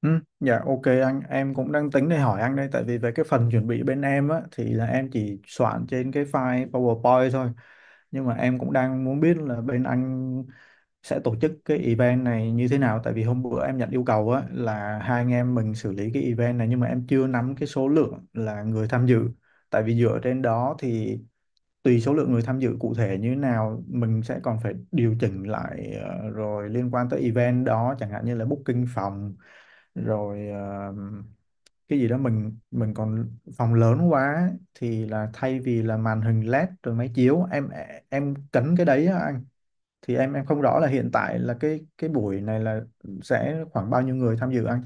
Ừ. Dạ ok, anh em cũng đang tính để hỏi anh đây, tại vì về cái phần chuẩn bị bên em á thì là em chỉ soạn trên cái file PowerPoint thôi, nhưng mà em cũng đang muốn biết là bên anh sẽ tổ chức cái event này như thế nào. Tại vì hôm bữa em nhận yêu cầu á là hai anh em mình xử lý cái event này, nhưng mà em chưa nắm cái số lượng là người tham dự. Tại vì dựa trên đó thì tùy số lượng người tham dự cụ thể như thế nào, mình sẽ còn phải điều chỉnh lại, rồi liên quan tới event đó chẳng hạn như là booking phòng rồi, cái gì đó mình còn phòng lớn quá thì là thay vì là màn hình LED rồi máy chiếu em cấn cái đấy á anh. Thì em không rõ là hiện tại là cái buổi này là sẽ khoảng bao nhiêu người tham dự anh?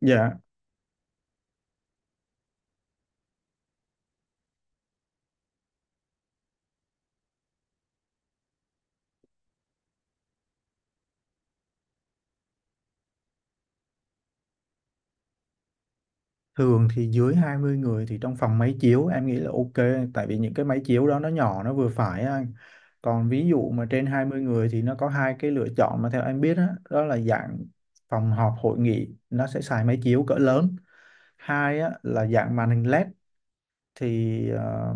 Dạ. Thường thì dưới 20 người thì trong phòng máy chiếu em nghĩ là ok, tại vì những cái máy chiếu đó nó nhỏ, nó vừa phải á anh. Còn ví dụ mà trên 20 người thì nó có hai cái lựa chọn mà theo em biết đó, đó là dạng phòng họp hội nghị nó sẽ xài máy chiếu cỡ lớn. Hai á, là dạng màn hình LED thì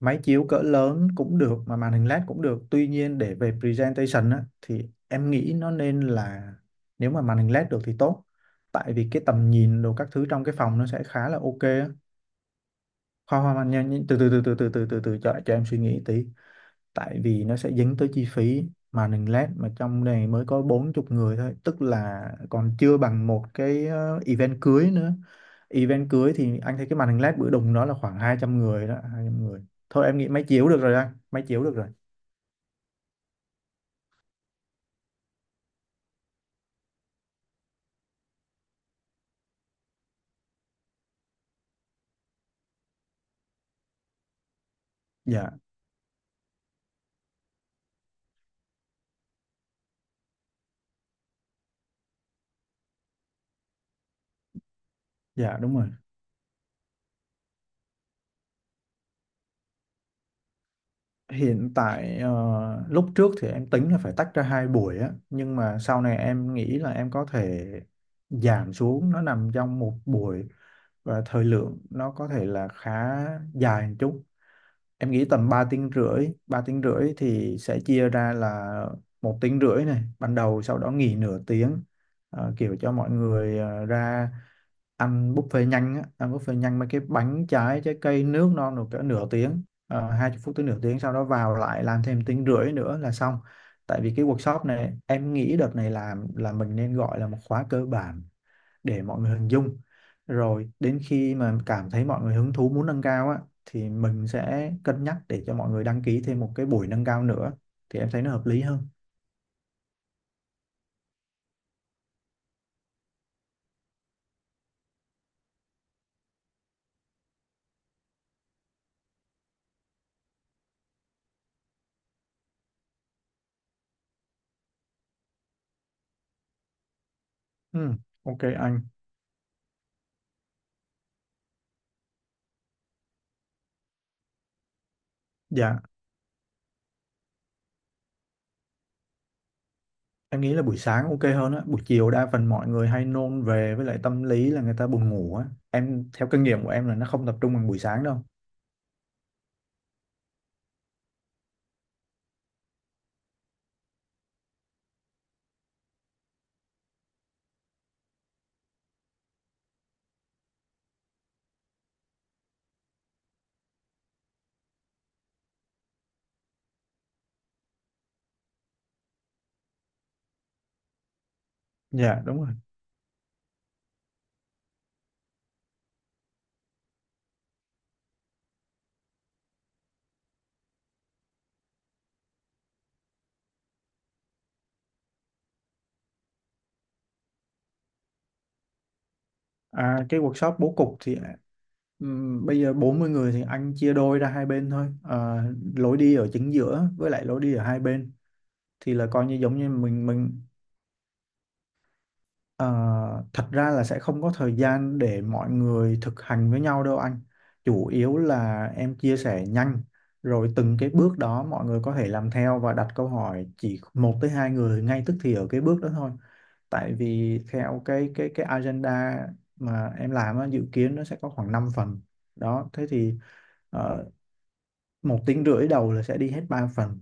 máy chiếu cỡ lớn cũng được mà màn hình LED cũng được, tuy nhiên để về presentation á, thì em nghĩ nó nên là nếu mà màn hình LED được thì tốt, tại vì cái tầm nhìn đồ các thứ trong cái phòng nó sẽ khá là ok á. Khoan khoan khoan, nhanh nhanh, từ từ cho em suy nghĩ tí, tại vì nó sẽ dính tới chi phí mà mình lát, mà trong này mới có 40 người thôi, tức là còn chưa bằng một cái event cưới nữa. Event cưới thì anh thấy cái màn hình LED bữa đùng đó là khoảng 200 người đó, 200 người. Thôi em nghĩ máy chiếu được rồi anh, máy chiếu được rồi. Dạ. Dạ đúng rồi. Hiện tại, lúc trước thì em tính là phải tách ra hai buổi á, nhưng mà sau này em nghĩ là em có thể giảm xuống nó nằm trong một buổi, và thời lượng nó có thể là khá dài một chút. Em nghĩ tầm 3 tiếng rưỡi, 3 tiếng rưỡi thì sẽ chia ra là một tiếng rưỡi này ban đầu, sau đó nghỉ nửa tiếng. Kiểu cho mọi người ra ăn buffet nhanh á, ăn buffet nhanh mấy cái bánh trái, trái cây nước non, được cỡ nửa tiếng. 20 phút tới nửa tiếng, sau đó vào lại làm thêm tiếng rưỡi nữa là xong. Tại vì cái workshop này em nghĩ đợt này làm là mình nên gọi là một khóa cơ bản để mọi người hình dung, rồi đến khi mà cảm thấy mọi người hứng thú muốn nâng cao á thì mình sẽ cân nhắc để cho mọi người đăng ký thêm một cái buổi nâng cao nữa, thì em thấy nó hợp lý hơn. Ừ, ok anh. Dạ, em nghĩ là buổi sáng ok hơn á. Buổi chiều đa phần mọi người hay nôn về, với lại tâm lý là người ta buồn ngủ á. Em theo kinh nghiệm của em là nó không tập trung bằng buổi sáng đâu. Dạ đúng rồi. À, cái workshop bố cục thì bây giờ 40 người thì anh chia đôi ra hai bên thôi à, lối đi ở chính giữa với lại lối đi ở hai bên, thì là coi như giống như mình. Ờ, Thật ra là sẽ không có thời gian để mọi người thực hành với nhau đâu anh. Chủ yếu là em chia sẻ nhanh, rồi từng cái bước đó mọi người có thể làm theo và đặt câu hỏi, chỉ một tới hai người ngay tức thì ở cái bước đó thôi. Tại vì theo cái agenda mà em làm á, dự kiến nó sẽ có khoảng 5 phần đó. Thế thì ờ, một tiếng rưỡi đầu là sẽ đi hết ba phần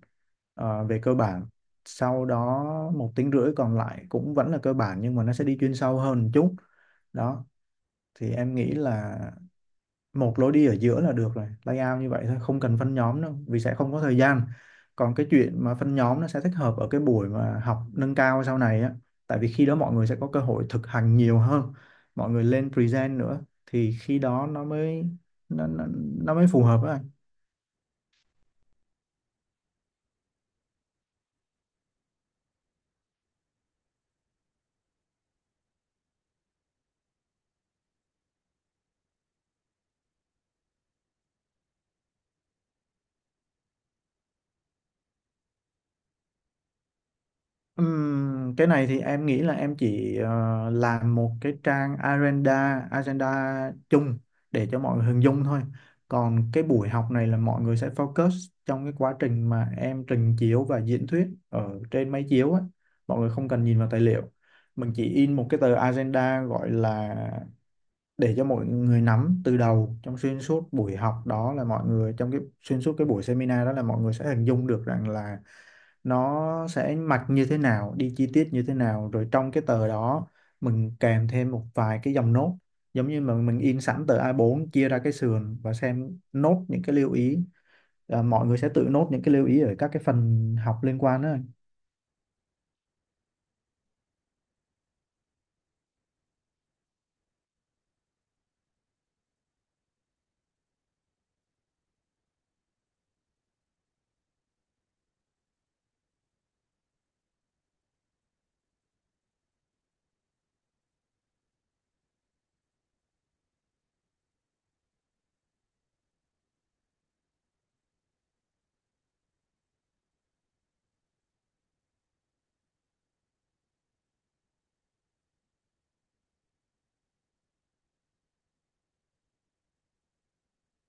về cơ bản. Sau đó một tiếng rưỡi còn lại cũng vẫn là cơ bản, nhưng mà nó sẽ đi chuyên sâu hơn một chút. Đó, thì em nghĩ là một lối đi ở giữa là được rồi, layout như vậy thôi, không cần phân nhóm đâu vì sẽ không có thời gian. Còn cái chuyện mà phân nhóm nó sẽ thích hợp ở cái buổi mà học nâng cao sau này á, tại vì khi đó mọi người sẽ có cơ hội thực hành nhiều hơn, mọi người lên present nữa thì khi đó nó nó, nó mới phù hợp á anh. Cái này thì em nghĩ là em chỉ làm một cái trang agenda agenda chung để cho mọi người hình dung thôi. Còn cái buổi học này là mọi người sẽ focus trong cái quá trình mà em trình chiếu và diễn thuyết ở trên máy chiếu á. Mọi người không cần nhìn vào tài liệu. Mình chỉ in một cái tờ agenda, gọi là để cho mọi người nắm từ đầu trong xuyên suốt buổi học, đó là mọi người trong cái xuyên suốt cái buổi seminar đó là mọi người sẽ hình dung được rằng là nó sẽ mặc như thế nào, đi chi tiết như thế nào, rồi trong cái tờ đó mình kèm thêm một vài cái dòng nốt, giống như mà mình in sẵn tờ A4 chia ra cái sườn và xem nốt những cái lưu ý, à, mọi người sẽ tự nốt những cái lưu ý ở các cái phần học liên quan đó.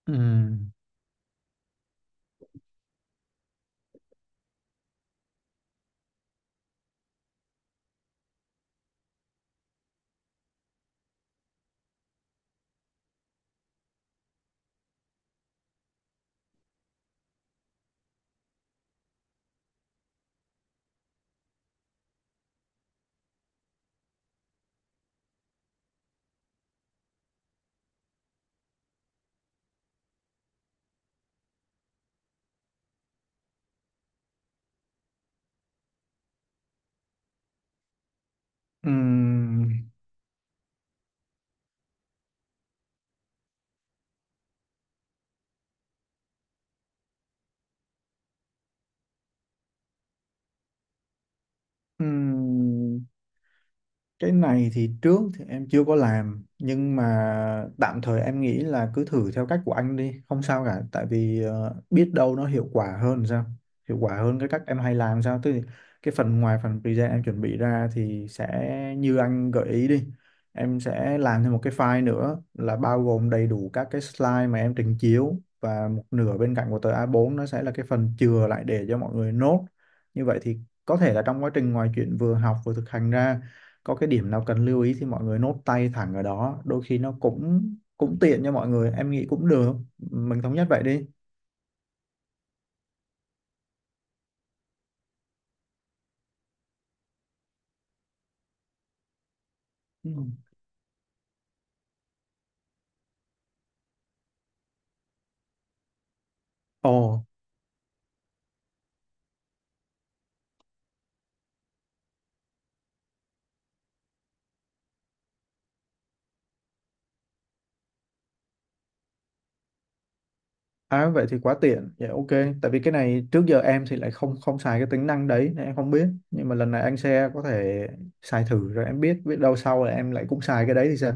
Ừ. Ừ. Ừ. Cái này thì trước thì em chưa có làm, nhưng mà tạm thời em nghĩ là cứ thử theo cách của anh đi, không sao cả. Tại vì biết đâu nó hiệu quả hơn sao, hiệu quả hơn cái cách em hay làm sao, tức là cái phần ngoài phần present em chuẩn bị ra thì sẽ như anh gợi ý đi. Em sẽ làm thêm một cái file nữa là bao gồm đầy đủ các cái slide mà em trình chiếu, và một nửa bên cạnh của tờ A4 nó sẽ là cái phần chừa lại để cho mọi người nốt. Như vậy thì có thể là trong quá trình ngoài chuyện vừa học vừa thực hành ra, có cái điểm nào cần lưu ý thì mọi người nốt tay thẳng ở đó, đôi khi nó cũng cũng tiện cho mọi người. Em nghĩ cũng được. Mình thống nhất vậy đi. Ừ. Ồ. À, vậy thì quá tiện. Dạ ok. Tại vì cái này trước giờ em thì lại không không xài cái tính năng đấy nên em không biết, nhưng mà lần này anh sẽ có thể xài thử rồi em biết, biết đâu sau là em lại cũng xài cái đấy thì sao.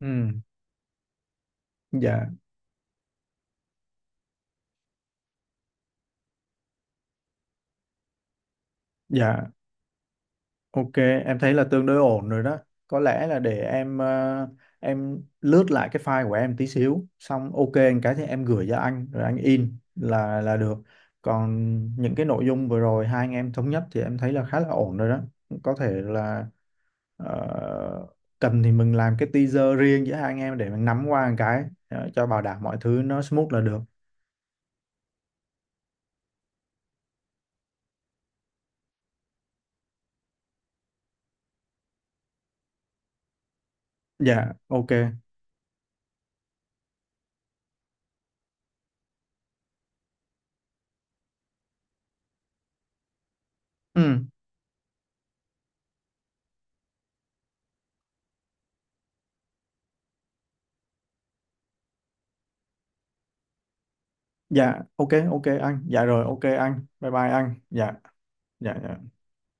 Ừ. Dạ. Dạ ok, em thấy là tương đối ổn rồi đó. Có lẽ là để em lướt lại cái file của em tí xíu, xong ok một cái thì em gửi cho anh rồi anh in là được. Còn những cái nội dung vừa rồi hai anh em thống nhất thì em thấy là khá là ổn rồi đó. Có thể là ờ, cần thì mình làm cái teaser riêng giữa hai anh em để mình nắm qua một cái, cho bảo đảm mọi thứ nó smooth là được. Dạ, ok. Ừ, dạ, ok ok anh. Dạ rồi, ok anh. Bye bye anh. Dạ. Dạ. Dạ.